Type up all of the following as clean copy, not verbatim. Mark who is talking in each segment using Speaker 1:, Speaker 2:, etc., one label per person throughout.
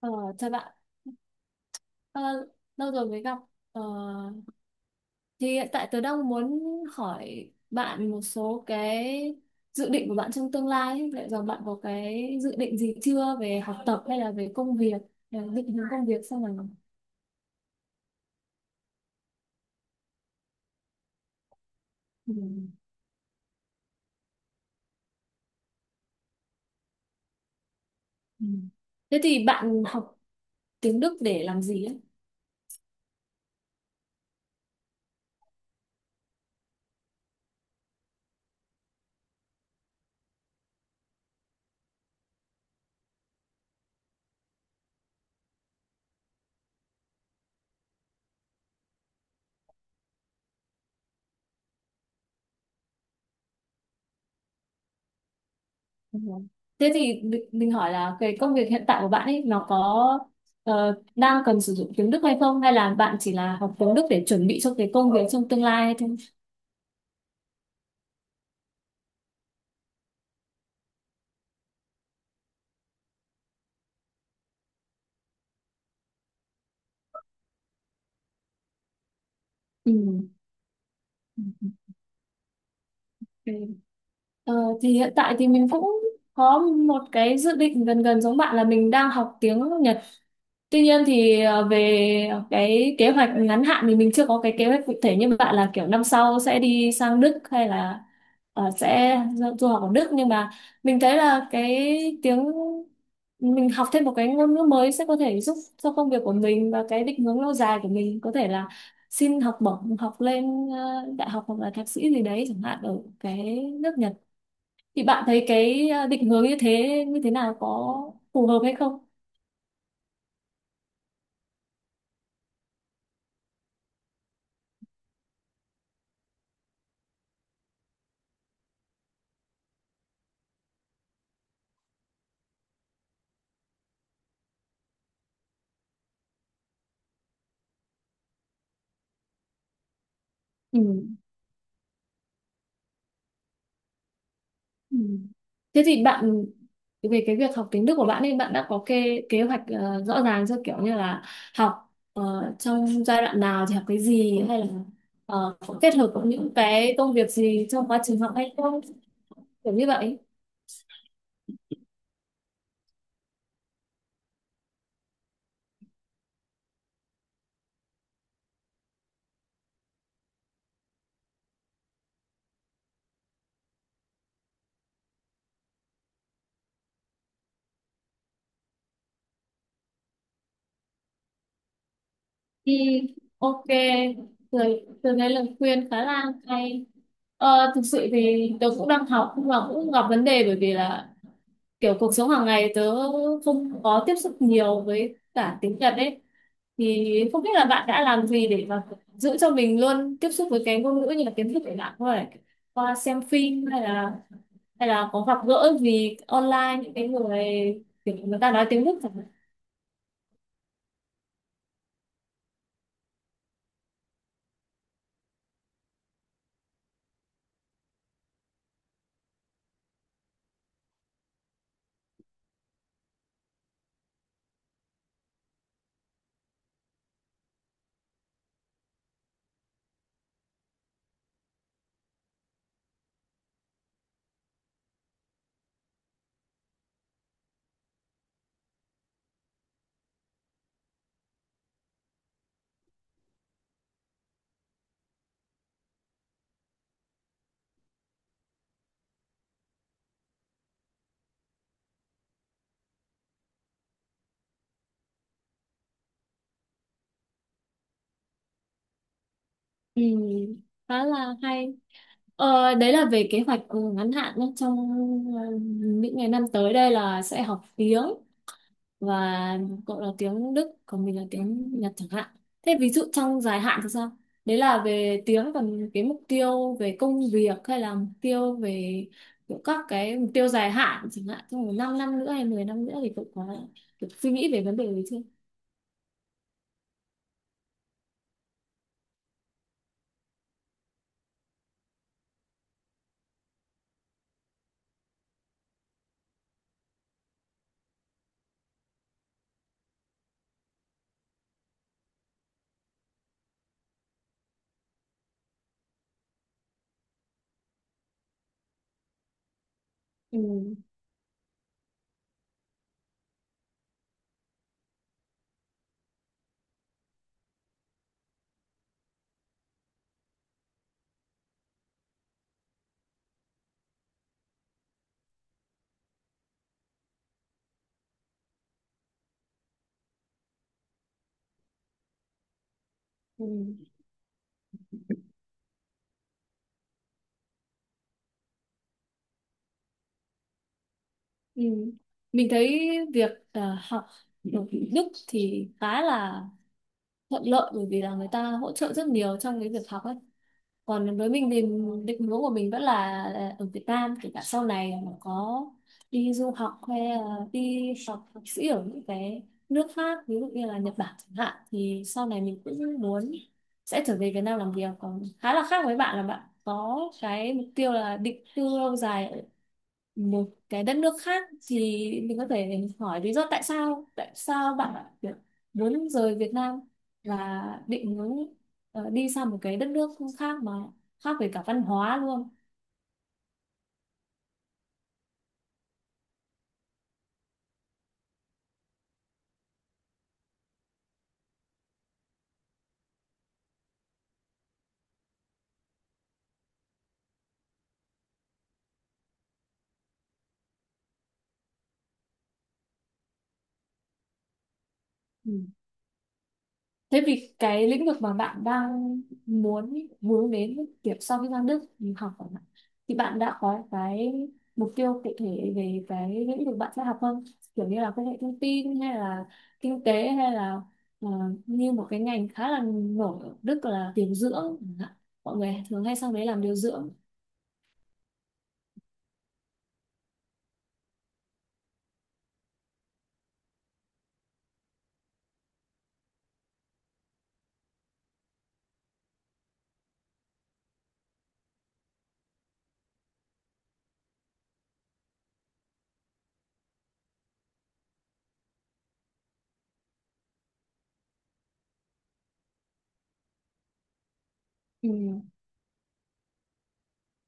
Speaker 1: Ờ, chào bạn. Ờ, lâu rồi mới gặp. Ờ, thì hiện tại tớ đang muốn hỏi bạn một số cái dự định của bạn trong tương lai ấy. Liệu rằng bạn có cái dự định gì chưa về học tập hay là về công việc, là định hướng công việc sau này? Ừ. Ừ. Thế thì bạn học tiếng Đức để làm gì ấy? Ừ. Thế thì mình hỏi là cái công việc hiện tại của bạn ấy nó có đang cần sử dụng tiếng Đức hay không? Hay là bạn chỉ là học tiếng Đức để chuẩn bị cho cái công việc trong tương lai thôi? Ừ. Ok. Ờ, thì hiện tại thì mình cũng có một cái dự định gần gần giống bạn, là mình đang học tiếng Nhật. Tuy nhiên thì về cái kế hoạch ngắn hạn thì mình chưa có cái kế hoạch cụ thể như bạn là kiểu năm sau sẽ đi sang Đức, hay là sẽ du du học ở Đức, nhưng mà mình thấy là cái tiếng mình học thêm một cái ngôn ngữ mới sẽ có thể giúp cho công việc của mình, và cái định hướng lâu dài của mình có thể là xin học bổng học lên đại học hoặc là thạc sĩ gì đấy chẳng hạn ở cái nước Nhật. Thì bạn thấy cái định hướng như thế nào, có phù hợp hay không? Ừ. Ừ. Thế thì bạn, về cái việc học tiếng Đức của bạn ấy, bạn đã có kế kế hoạch rõ ràng chưa, kiểu như là học trong giai đoạn nào thì học cái gì, hay là có kết hợp với những cái công việc gì trong quá trình học hay không, kiểu như vậy? Thì ok rồi, từ cái lời khuyên khá là hay. Thực sự thì tớ cũng đang học nhưng mà cũng gặp vấn đề, bởi vì là kiểu cuộc sống hàng ngày tớ không có tiếp xúc nhiều với cả tiếng Nhật ấy, thì không biết là bạn đã làm gì để mà giữ cho mình luôn tiếp xúc với cái ngôn ngữ như là kiến thức, để bạn có thể qua xem phim, hay là có gặp gỡ gì online những cái người kiểu người ta nói tiếng Đức chẳng hạn? Ừ, khá là hay. Đấy là về kế hoạch ngắn hạn nhé, trong ờ, những ngày năm tới đây là sẽ học tiếng, và cậu là tiếng Đức còn mình là tiếng Nhật chẳng hạn. Thế ví dụ trong dài hạn thì sao? Đấy là về tiếng, còn cái mục tiêu về công việc, hay là mục tiêu về kiểu các cái mục tiêu dài hạn chẳng hạn, trong một năm năm nữa hay 10 năm nữa thì cậu có được suy nghĩ về vấn đề đấy chưa? Ừ. Ừ. Ừ. Mình thấy việc học ở Đức thì khá là thuận lợi, bởi vì là người ta hỗ trợ rất nhiều trong cái việc học ấy. Còn với mình thì định hướng của mình vẫn là ở Việt Nam, kể cả sau này mà có đi du học hay là đi học thạc sĩ ở những cái nước khác, ví dụ như là Nhật Bản chẳng hạn, thì sau này mình cũng muốn sẽ trở về Việt Nam làm việc. Còn khá là khác với bạn, là bạn có cái mục tiêu là định cư lâu dài một cái đất nước khác. Thì mình có thể hỏi lý do, tại sao bạn lại kiểu muốn rời Việt Nam và định muốn đi sang một cái đất nước khác, mà khác về cả văn hóa luôn? Ừ. Thế vì cái lĩnh vực mà bạn đang muốn muốn đến, kiểu sau khi sang Đức học của bạn, thì bạn đã có cái mục tiêu cụ thể về cái lĩnh vực bạn sẽ học không? Kiểu như là công nghệ thông tin, hay là kinh tế, hay là ờ, như một cái ngành khá là nổi ở Đức là điều dưỡng chẳng hạn. Mọi người thường hay sang đấy làm điều dưỡng. Ừ,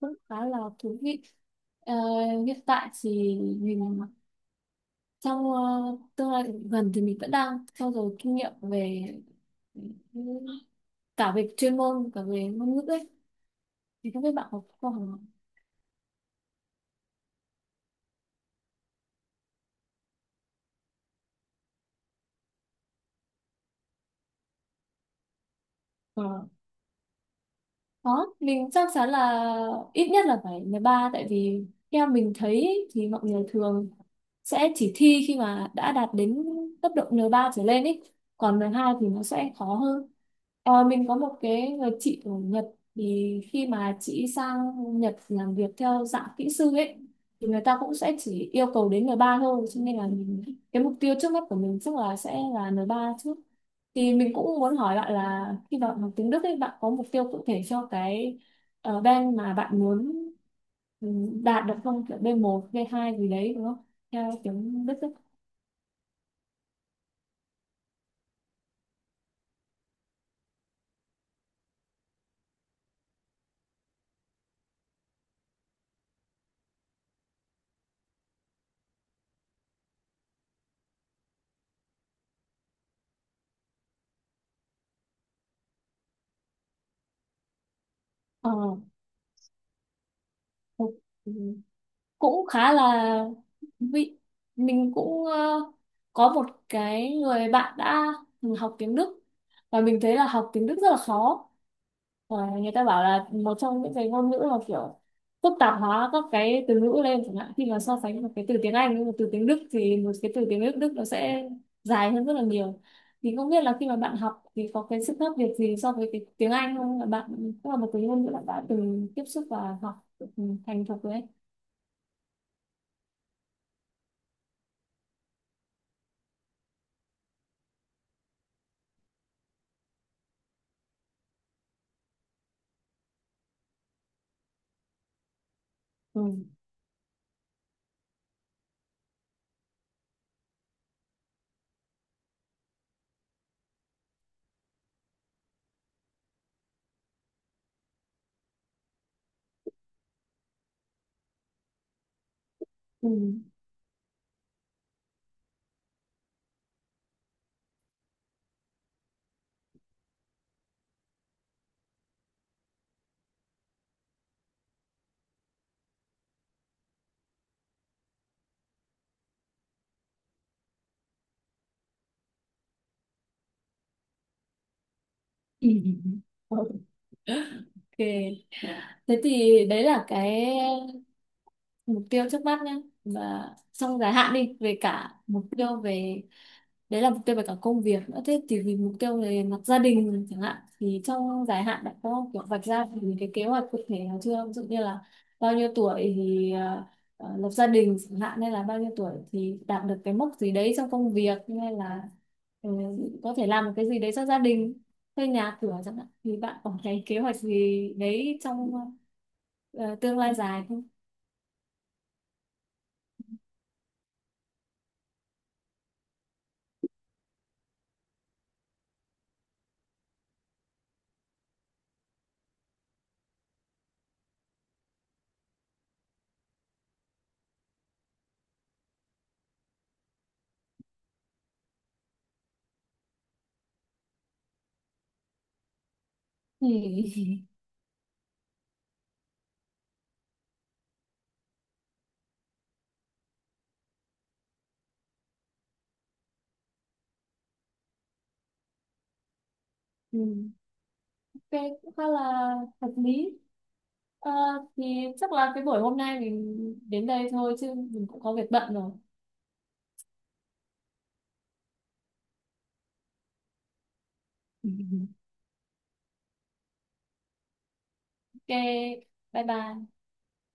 Speaker 1: cũng khá là thú vị. Ờ, hiện tại thì mình, trong tương lai gần thì mình vẫn đang trau dồi kinh nghiệm, về cả về chuyên môn, cả về ngôn ngữ ấy. Thì không biết bạn có học ờ, Đó, mình chắc chắn là ít nhất là phải 13, tại vì theo mình thấy thì mọi người thường sẽ chỉ thi khi mà đã đạt đến cấp độ N3 trở lên ý. Còn N2 thì nó sẽ khó hơn. Mình có một cái người chị ở Nhật, thì khi mà chị sang Nhật làm việc theo dạng kỹ sư ấy thì người ta cũng sẽ chỉ yêu cầu đến N3 thôi, cho nên là mình, cái mục tiêu trước mắt của mình chắc là sẽ là N3 trước. Thì mình cũng muốn hỏi bạn là khi bạn học tiếng Đức ấy, bạn có mục tiêu cụ thể cho cái bên mà bạn muốn ừ, đạt được không? Kiểu B1, B2 gì đấy đúng không? Theo tiếng Đức ấy. Ờ, ok. Ừ, cũng khá là vị. Mình cũng có một cái người bạn đã học tiếng Đức, và mình thấy là học tiếng Đức rất là khó. Rồi, người ta bảo là một trong những cái ngôn ngữ mà kiểu phức tạp hóa các cái từ ngữ lên, chẳng hạn khi mà so sánh một cái từ tiếng Anh với một từ tiếng Đức thì một cái từ tiếng Đức Đức nó sẽ dài hơn rất là nhiều. Thì không biết là khi mà bạn học thì có cái sự khác biệt gì so với cái tiếng Anh không, là bạn cũng là một cái ngôn ngữ bạn đã từng tiếp xúc và học thành thục đấy? Ừ. Ừ. Ừ. Ok, thế thì đấy là cái mục tiêu trước mắt nhé, và trong dài hạn đi về cả mục tiêu về, đấy là mục tiêu về cả công việc nữa. Thế thì vì mục tiêu về mặt gia đình chẳng hạn, thì trong dài hạn bạn có kiểu vạch ra những cái kế hoạch cụ thể nào chưa, ví dụ như là bao nhiêu tuổi thì lập gia đình chẳng hạn, hay là bao nhiêu tuổi thì đạt được cái mốc gì đấy trong công việc, hay là ờ, có thể làm một cái gì đấy cho gia đình, thuê nhà cửa chẳng hạn, thì bạn có cái kế hoạch gì đấy trong ờ, tương lai dài không? Ừ. Ừ, cái cũng khá là hợp lý. Ờ, thì chắc là cái buổi hôm nay mình đến đây thôi, chứ mình cũng có việc bận rồi. Ok, bye bye.